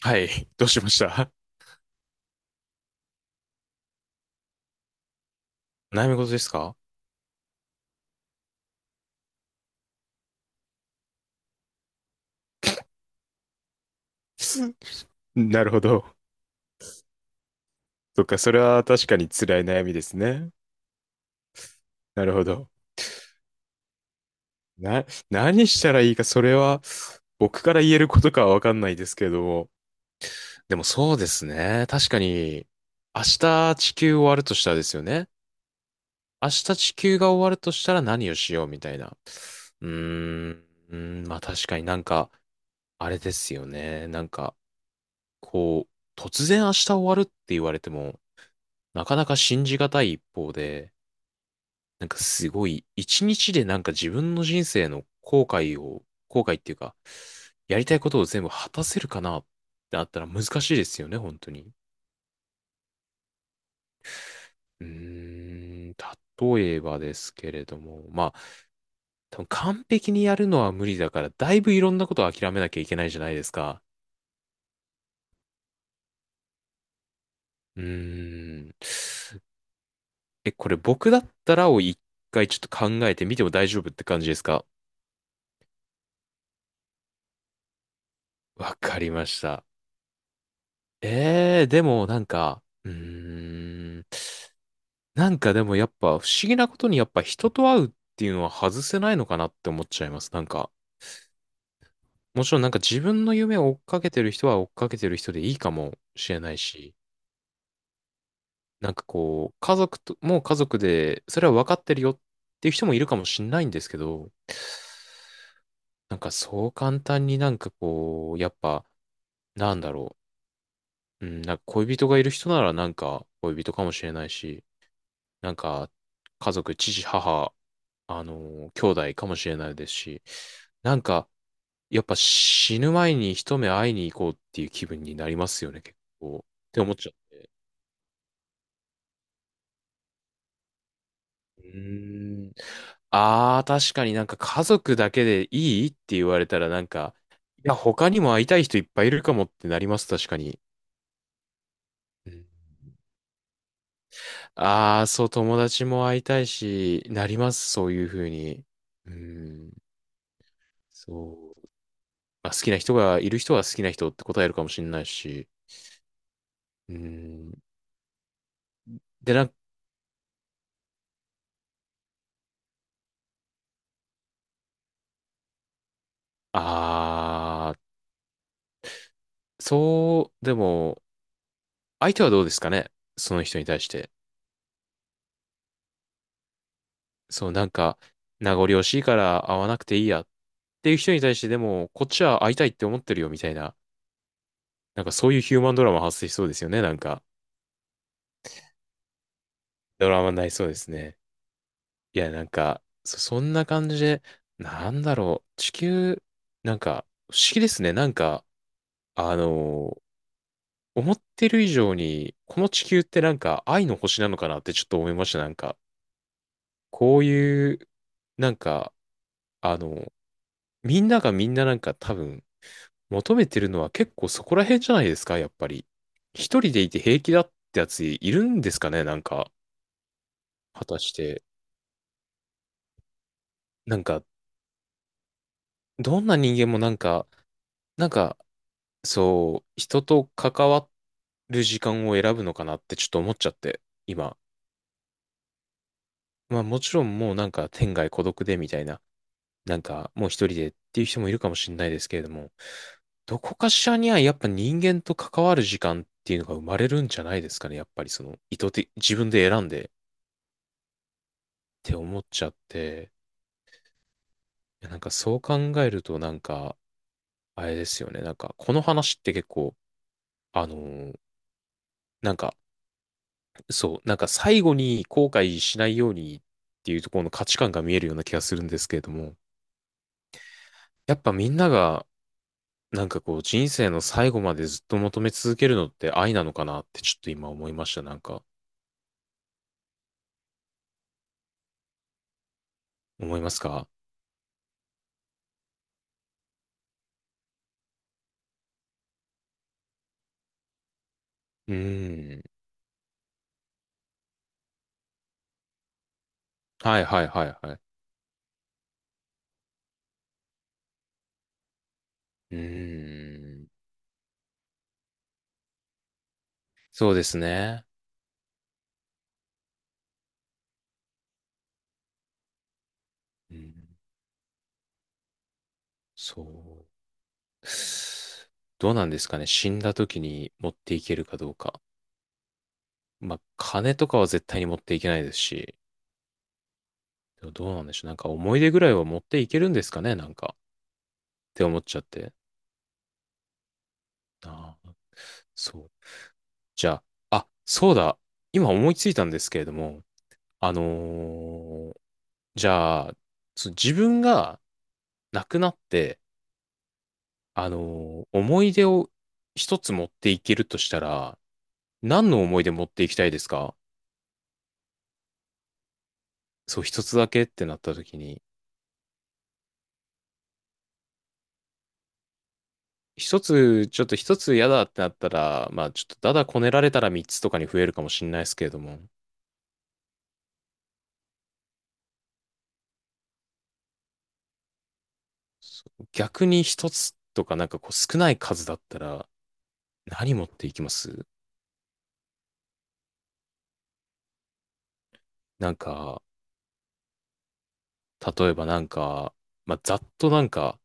はい。どうしました？ 悩み事ですか？ なるほど。そっか、それは確かに辛い悩みですね。なるほど。な、何したらいいか、それは僕から言えることかはわかんないですけれども。でもそうですね。確かに、明日地球終わるとしたらですよね。明日地球が終わるとしたら何をしようみたいな。うーん、うーまあ確かになんか、あれですよね。なんか、こう、突然明日終わるって言われても、なかなか信じがたい一方で、なんかすごい、一日でなんか自分の人生の後悔を、後悔っていうか、やりたいことを全部果たせるかなってなったら難しいですよね、本当に。うーん、例えばですけれども、まあ、多分完璧にやるのは無理だから、だいぶいろんなことを諦めなきゃいけないじゃないですか。うーん。え、これ僕だったらを一回ちょっと考えてみても大丈夫って感じですか？わかりました。ええでもなんか、ん、なんかでもやっぱ不思議なことにやっぱ人と会うっていうのは外せないのかなって思っちゃいます。なんか、もちろんなんか自分の夢を追っかけてる人は追っかけてる人でいいかもしれないし、なんかこう、家族と、もう家族で、それは分かってるよっていう人もいるかもしれないんですけど、なんかそう簡単になんかこう、やっぱ、なんだろう。うん、なんか恋人がいる人ならなんか恋人かもしれないし、なんか、家族、父、母、あの兄弟かもしれないですし、なんか、やっぱ死ぬ前に一目会いに行こうっていう気分になりますよね、結構。って思っちゃう。うーん。ああ、確かになんか家族だけでいいって言われたらなんか、いや、他にも会いたい人いっぱいいるかもってなります、確かに。うん。ああー、そう、友達も会いたいし、なります、そういうふうに。うん、そう。まあ、好きな人がいる人は好きな人って答えるかもしれないし。うん。で、なん、あー、そう、でも、相手はどうですかね？その人に対して。そう、なんか、名残惜しいから会わなくていいやっていう人に対して、でも、こっちは会いたいって思ってるよみたいな。なんかそういうヒューマンドラマ発生しそうですよね、なんか。ドラマになりそうですね。いや、なんか、そんな感じで、なんだろう、地球、なんか、不思議ですね。なんか、あの思ってる以上に、この地球ってなんか愛の星なのかなってちょっと思いました。なんか、こういう、なんか、あの、みんながみんななんか多分求めてるのは結構そこら辺じゃないですか、やっぱり。一人でいて平気だってやついるんですかね、なんか、果たして。なんか、どんな人間もなんか、なんか、そう、人と関わる時間を選ぶのかなってちょっと思っちゃって、今。まあもちろんもうなんか天涯孤独でみたいな。なんかもう一人でっていう人もいるかもしれないですけれども、どこかしらにはやっぱ人間と関わる時間っていうのが生まれるんじゃないですかね。やっぱりその意図的、自分で選んでって思っちゃって、いやなんかそう考えるとなんか、あれですよね。なんかこの話って結構、あのーなんかそう、なんか最後に後悔しないようにっていうところの価値観が見えるような気がするんですけれども、やっぱみんながなんかこう人生の最後までずっと求め続けるのって愛なのかなってちょっと今思いました。なんか、思いますか？うーん。はいはいはいはい。うーん。そうですね。うん、そう。どうなんですかね。死んだ時に持っていけるかどうか。まあ、金とかは絶対に持っていけないですし、でもどうなんでしょう。なんか思い出ぐらいは持っていけるんですかね。なんか。って思っちゃって。ああ。そう。じゃあ、あ、そうだ。今思いついたんですけれども、あのーじゃあ、自分が亡くなって、あの思い出を一つ持っていけるとしたら、何の思い出持っていきたいですか？そう、一つだけってなった時に、一つ、ちょっと一つ嫌だってなったら、まあ、ちょっとだだこねられたら三つとかに増えるかもしれないですけれども、そう逆に一つとかなんかこう少ない数だったら、何持っていきます？なんか、例えばなんか、まあ、ざっとなんか、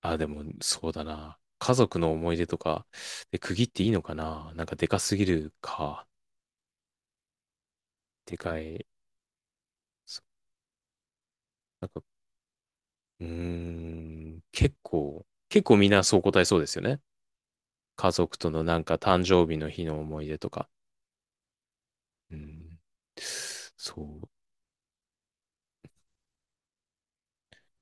あ、でもそうだな。家族の思い出とか、で、区切っていいのかななんかでかすぎるか。でかい。そなんか、結構みんなそう答えそうですよね。家族とのなんか誕生日の日の思い出とか。うん。そう。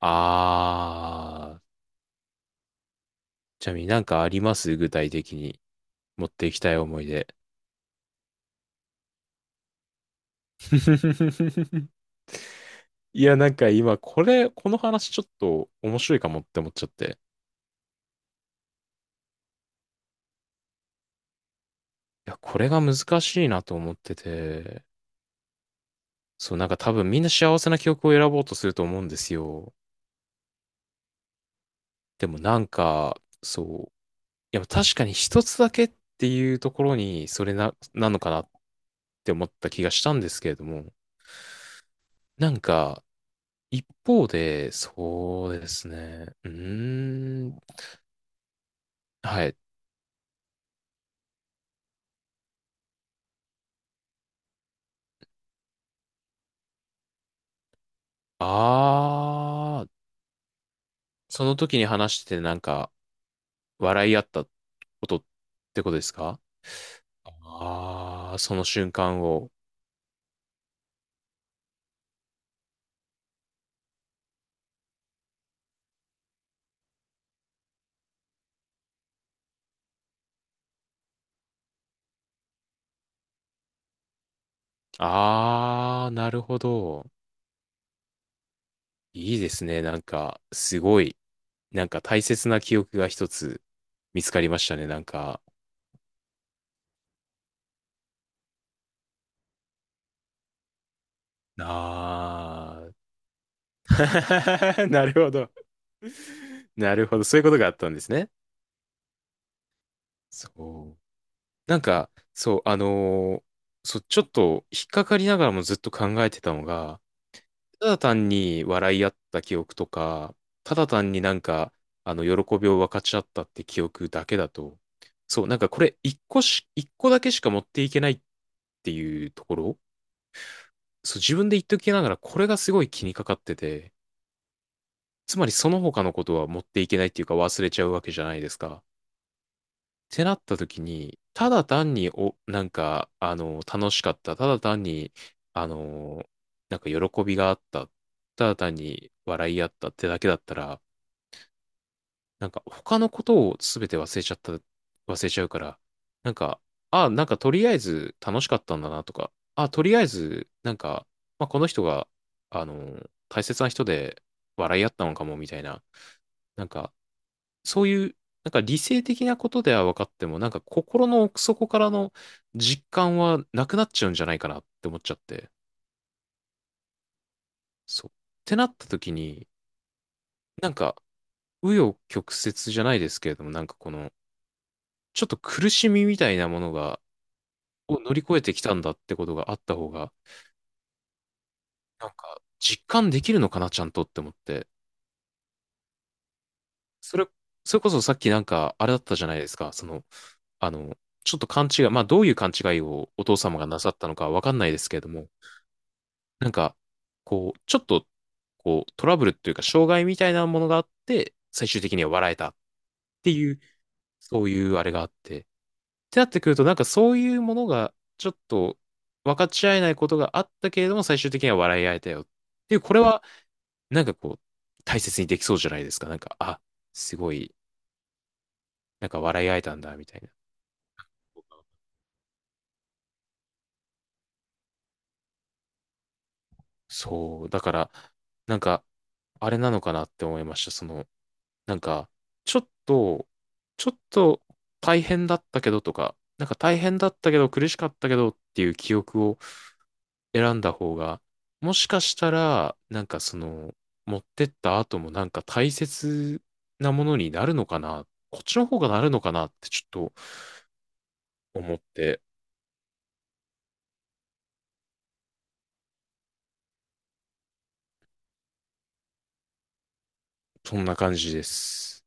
あー、ちなみになんかあります？具体的に持っていきたい思い出。いや、なんか今、この話ちょっと面白いかもって思っちゃって。いや、これが難しいなと思ってて。そう、なんか多分みんな幸せな記憶を選ぼうとすると思うんですよ。でもなんか、そう。いや、確かに一つだけっていうところに、それな、なのかなって思った気がしたんですけれども。なんか、一方で、そうですね。うーん。はい。あー、その時に話しててなんか、笑い合ったことってことですか？ああー、その瞬間を。ああ、なるほど。いいですね。なんか、すごい。なんか大切な記憶が一つ見つかりましたね。なんか。ああ。なるほど。なるほど。そういうことがあったんですね。そう。なんか、そう、そう、ちょっと引っかかりながらもずっと考えてたのが、ただ単に笑い合った記憶とか、ただ単になんか、喜びを分かち合ったって記憶だけだと、そう、なんかこれ一個だけしか持っていけないっていうところ、そう、自分で言っときながらこれがすごい気にかかってて、つまりその他のことは持っていけないっていうか忘れちゃうわけじゃないですか。ってなった時に、ただ単になんか、楽しかった、ただ単に、あの、なんか喜びがあった、ただ単に笑い合ったってだけだったら、なんか他のことを全て忘れちゃうから、なんか、あ、なんかとりあえず楽しかったんだなとか、あ、とりあえず、なんか、まあ、この人が、あの、大切な人で笑い合ったのかもみたいな、なんか、そういう、なんか理性的なことでは分かっても、なんか心の奥底からの実感はなくなっちゃうんじゃないかなって思っちゃって、そう。ってなった時に、なんか、紆余曲折じゃないですけれども、なんかこの、ちょっと苦しみみたいなものが、を乗り越えてきたんだってことがあった方が、なんか実感できるのかな、ちゃんとって思って。それ、それこそさっきなんかあれだったじゃないですか。その、あの、ちょっと勘違い、まあどういう勘違いをお父様がなさったのかわかんないですけれども、なんか、こう、ちょっと、こう、トラブルっていうか、障害みたいなものがあって、最終的には笑えたっていう、そういうあれがあって。ってなってくると、なんかそういうものが、ちょっと分かち合えないことがあったけれども、最終的には笑い合えたよっていう、これは、なんかこう、大切にできそうじゃないですか。なんか、あ、すごい、なんか笑い合えたんだ、みたいな。そう、だから、なんか、あれなのかなって思いました。その、なんか、ちょっと、ちょっと大変だったけどとか、なんか大変だったけど苦しかったけどっていう記憶を選んだ方が、もしかしたら、なんかその、持ってった後もなんか大切なものになるのかな、こっちの方がなるのかなってちょっと思って、そんな感じです。